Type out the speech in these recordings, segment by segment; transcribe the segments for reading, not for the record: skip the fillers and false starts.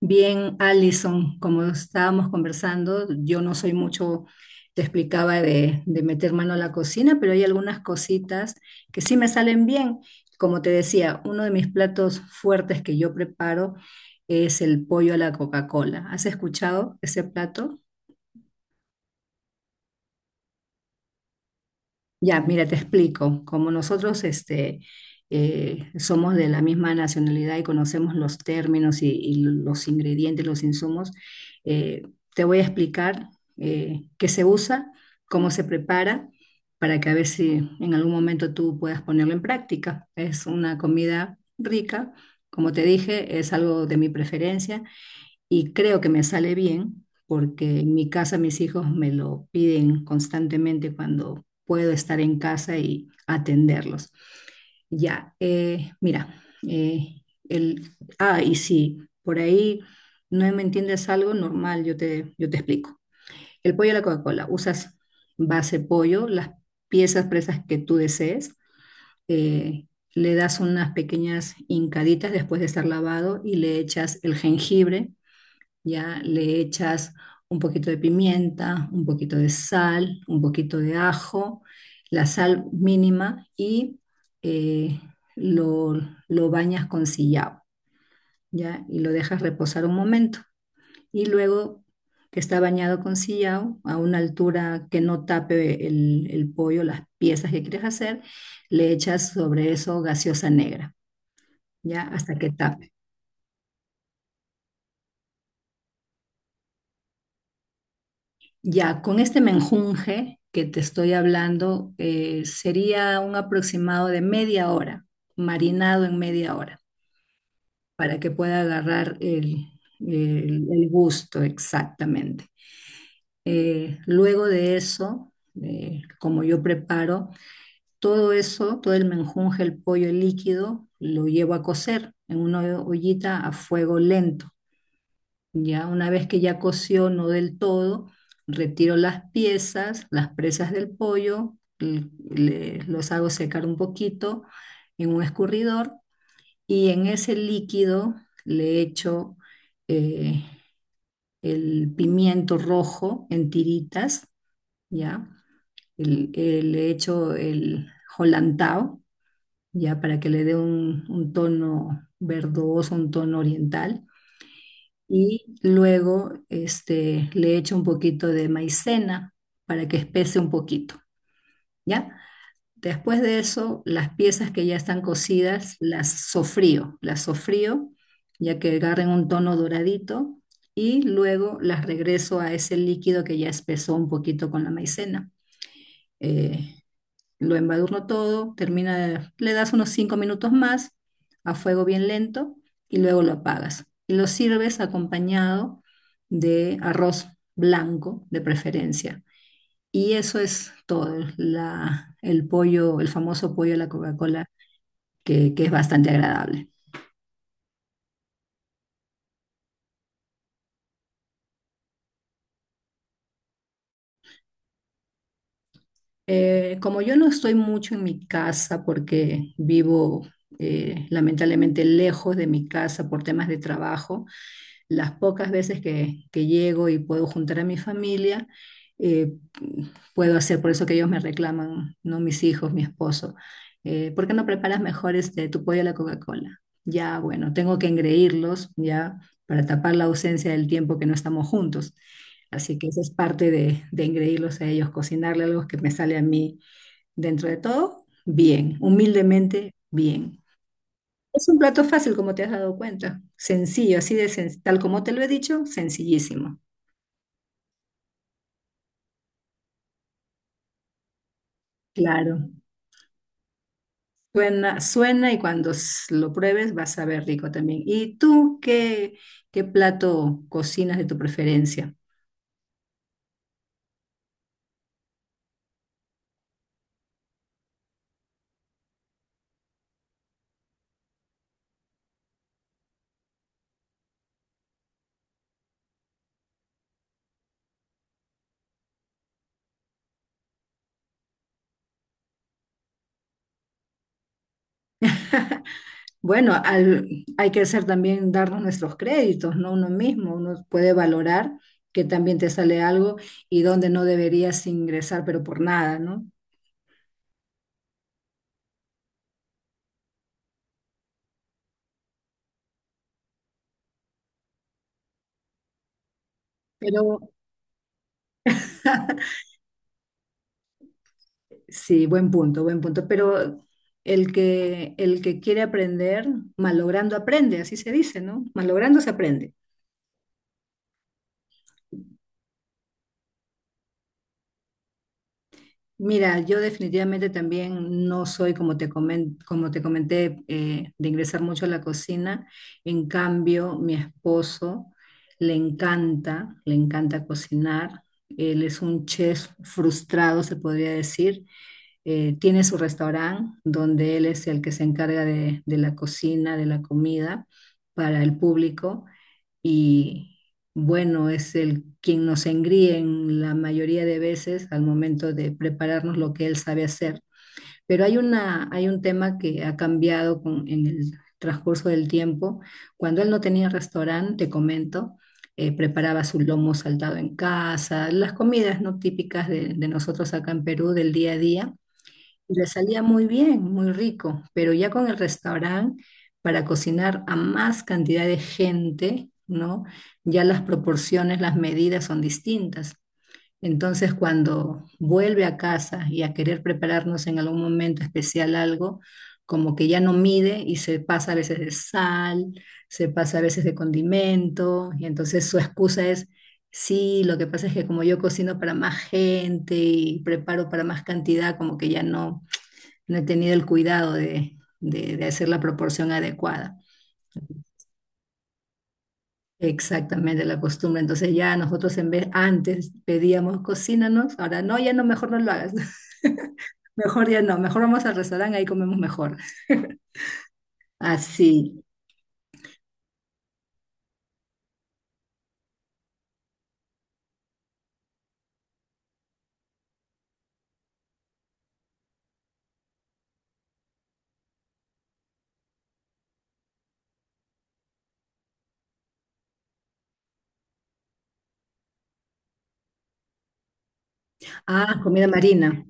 Bien, Alison, como estábamos conversando, yo no soy mucho, te explicaba de meter mano a la cocina, pero hay algunas cositas que sí me salen bien. Como te decía, uno de mis platos fuertes que yo preparo es el pollo a la Coca-Cola. ¿Has escuchado ese plato? Ya, mira, te explico. Como nosotros este, somos de la misma nacionalidad y conocemos los términos y los ingredientes, los insumos, eh, te voy a explicar qué se usa, cómo se prepara, para que a ver si en algún momento tú puedas ponerlo en práctica. Es una comida rica, como te dije, es algo de mi preferencia y creo que me sale bien porque en mi casa mis hijos me lo piden constantemente cuando puedo estar en casa y atenderlos. Ya, mira, eh, y si por ahí no me entiendes algo, normal, yo te explico. El pollo a la Coca-Cola, usas base pollo, las piezas presas que tú desees, eh, le das unas pequeñas hincaditas después de estar lavado y le echas el jengibre, ya le echas un poquito de pimienta, un poquito de sal, un poquito de ajo, la sal mínima y eh, lo, lo bañas con sillao, ya, y lo dejas reposar un momento. Y luego que está bañado con sillao, a una altura que no tape el pollo, las piezas que quieres hacer, le echas sobre eso gaseosa negra, ya, hasta que tape. Ya, con este menjunje que te estoy hablando, sería un aproximado de media hora, marinado en media hora, para que pueda agarrar el gusto exactamente. Luego de eso, como yo preparo, todo eso, todo el menjunje, el pollo líquido, lo llevo a cocer en una ollita a fuego lento. Ya una vez que ya coció, no del todo, retiro las piezas, las presas del pollo, los hago secar un poquito en un escurridor y en ese líquido le echo eh, el pimiento rojo en tiritas, ¿ya? Le echo el holantao, ¿ya? Para que le dé un tono verdoso, un tono oriental, y luego este, le echo un poquito de maicena para que espese un poquito, ¿ya? Después de eso, las piezas que ya están cocidas las sofrío ya que agarren un tono doradito, y luego las regreso a ese líquido que ya espesó un poquito con la maicena. Eh, lo embadurno todo, termina, le das unos 5 minutos más a fuego bien lento y luego lo apagas. Y lo sirves acompañado de arroz blanco de preferencia. Y eso es todo, el pollo, el famoso pollo de la Coca-Cola, que es bastante agradable. Como yo no estoy mucho en mi casa porque vivo lamentablemente lejos de mi casa por temas de trabajo, las pocas veces que llego y puedo juntar a mi familia, eh, puedo hacer, por eso que ellos me reclaman, no mis hijos, mi esposo, ¿por qué no preparas mejor este, tu pollo a la Coca-Cola? Ya, bueno, tengo que engreírlos ya para tapar la ausencia del tiempo que no estamos juntos. Así que esa es parte de engreírlos a ellos, cocinarle algo que me sale a mí dentro de todo, bien, humildemente, bien. Es un plato fácil, como te has dado cuenta. Sencillo, así de tal como te lo he dicho, sencillísimo. Claro. Suena, suena y cuando lo pruebes vas a ver rico también. ¿Y tú qué, qué plato cocinas de tu preferencia? Bueno, hay que hacer también darnos nuestros créditos, ¿no? Uno mismo, uno puede valorar que también te sale algo y donde no deberías ingresar, pero por nada, ¿no? Pero sí, buen punto, buen punto. Pero el que quiere aprender, malogrando aprende, así se dice, ¿no? Malogrando se aprende. Mira, yo definitivamente también no soy, como como te comenté, de ingresar mucho a la cocina. En cambio, mi esposo le encanta cocinar. Él es un chef frustrado, se podría decir. Tiene su restaurante donde él es el que se encarga de la cocina, de la comida para el público, y bueno, es el quien nos engríe en la mayoría de veces al momento de prepararnos lo que él sabe hacer. Pero hay un tema que ha cambiado en el transcurso del tiempo. Cuando él no tenía restaurante, te comento, preparaba su lomo saltado en casa, las comidas no típicas de nosotros acá en Perú del día a día, y le salía muy bien, muy rico, pero ya con el restaurante, para cocinar a más cantidad de gente, ¿no? Ya las proporciones, las medidas son distintas. Entonces, cuando vuelve a casa y a querer prepararnos en algún momento especial algo, como que ya no mide y se pasa a veces de sal, se pasa a veces de condimento, y entonces su excusa es... Sí, lo que pasa es que como yo cocino para más gente y preparo para más cantidad, como que no he tenido el cuidado de hacer la proporción adecuada. Exactamente, la costumbre. Entonces ya nosotros en vez, antes pedíamos cocínanos, ahora no, ya no, mejor no lo hagas. Mejor ya no, mejor vamos al restaurante, ahí comemos mejor. Así. Ah, comida marina.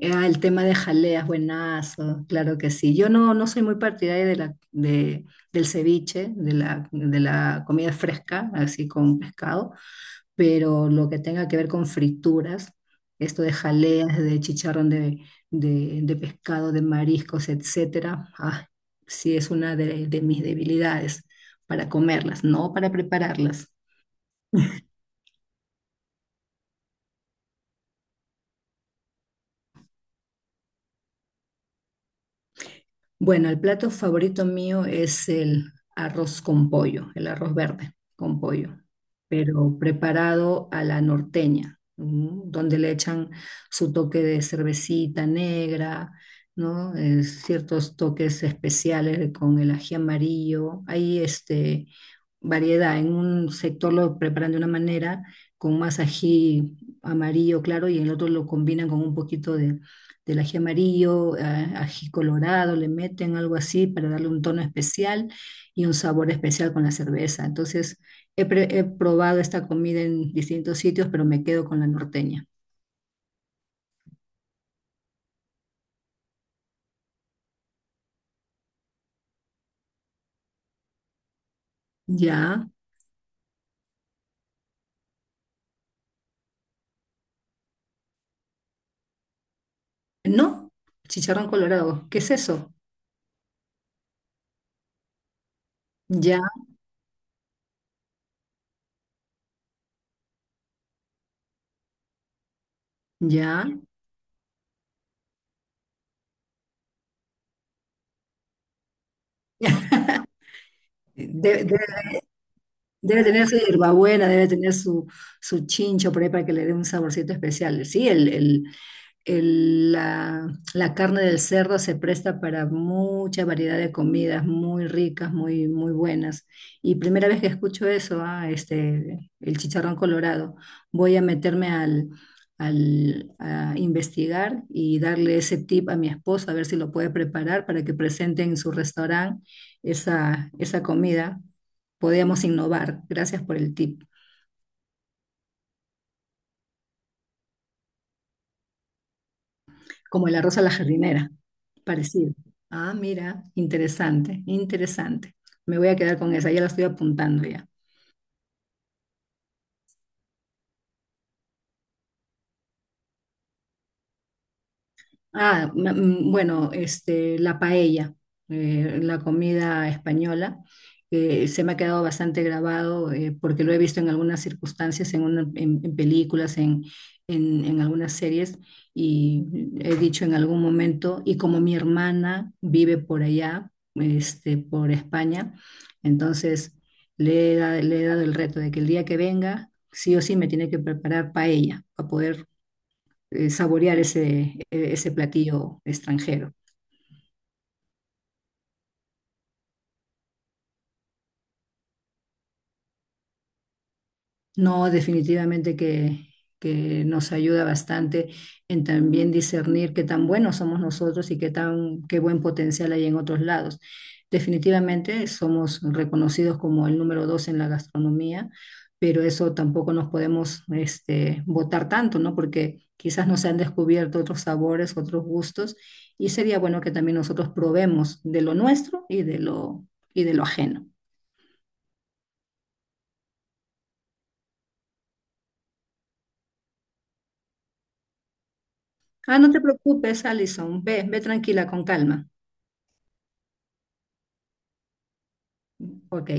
Ah, el tema de jaleas, buenazo, claro que sí. Yo no, no soy muy partidaria de del ceviche, de de la comida fresca, así con pescado, pero lo que tenga que ver con frituras, esto de jaleas, de chicharrón de, de pescado, de mariscos, etcétera, ah, sí es una de mis debilidades para comerlas, no para prepararlas. Bueno, el plato favorito mío es el arroz con pollo, el arroz verde con pollo, pero preparado a la norteña, ¿no? Donde le echan su toque de cervecita negra, ¿no? Ciertos toques especiales con el ají amarillo. Hay este, variedad. En un sector lo preparan de una manera, con más ají amarillo claro, y en el otro lo combinan con un poquito del ají amarillo, ají colorado, le meten algo así para darle un tono especial y un sabor especial con la cerveza. Entonces, he probado esta comida en distintos sitios, pero me quedo con la norteña. Ya, no, chicharrón colorado, ¿qué es eso? Ya, ya. Debe, debe- Debe tener su hierbabuena, debe tener su, su chincho por ahí para que le dé un saborcito especial. Sí, la carne del cerdo se presta para mucha variedad de comidas muy ricas, muy, muy buenas. Y primera vez que escucho eso, ah, este, el chicharrón colorado, voy a meterme a investigar y darle ese tip a mi esposo, a ver si lo puede preparar para que presente en su restaurante esa comida. Podíamos innovar. Gracias por el tip. Como el arroz a la jardinera, parecido. Ah, mira, interesante, interesante. Me voy a quedar con esa, ya la estoy apuntando ya. Bueno, este, la paella, la comida española, se me ha quedado bastante grabado porque lo he visto en algunas circunstancias, en películas, en algunas series, y he dicho en algún momento, y como mi hermana vive por allá, este, por España, entonces le he dado el reto de que el día que venga, sí o sí me tiene que preparar paella para poder saborear ese, ese platillo extranjero. No, definitivamente que nos ayuda bastante en también discernir qué tan buenos somos nosotros y qué buen potencial hay en otros lados. Definitivamente somos reconocidos como el número 2 en la gastronomía, pero eso tampoco nos podemos este, botar tanto, ¿no? Porque quizás nos han descubierto otros sabores, otros gustos, y sería bueno que también nosotros probemos de lo nuestro y de y de lo ajeno. Ah, no te preocupes, Alison. Ve, ve tranquila, con calma. Ok.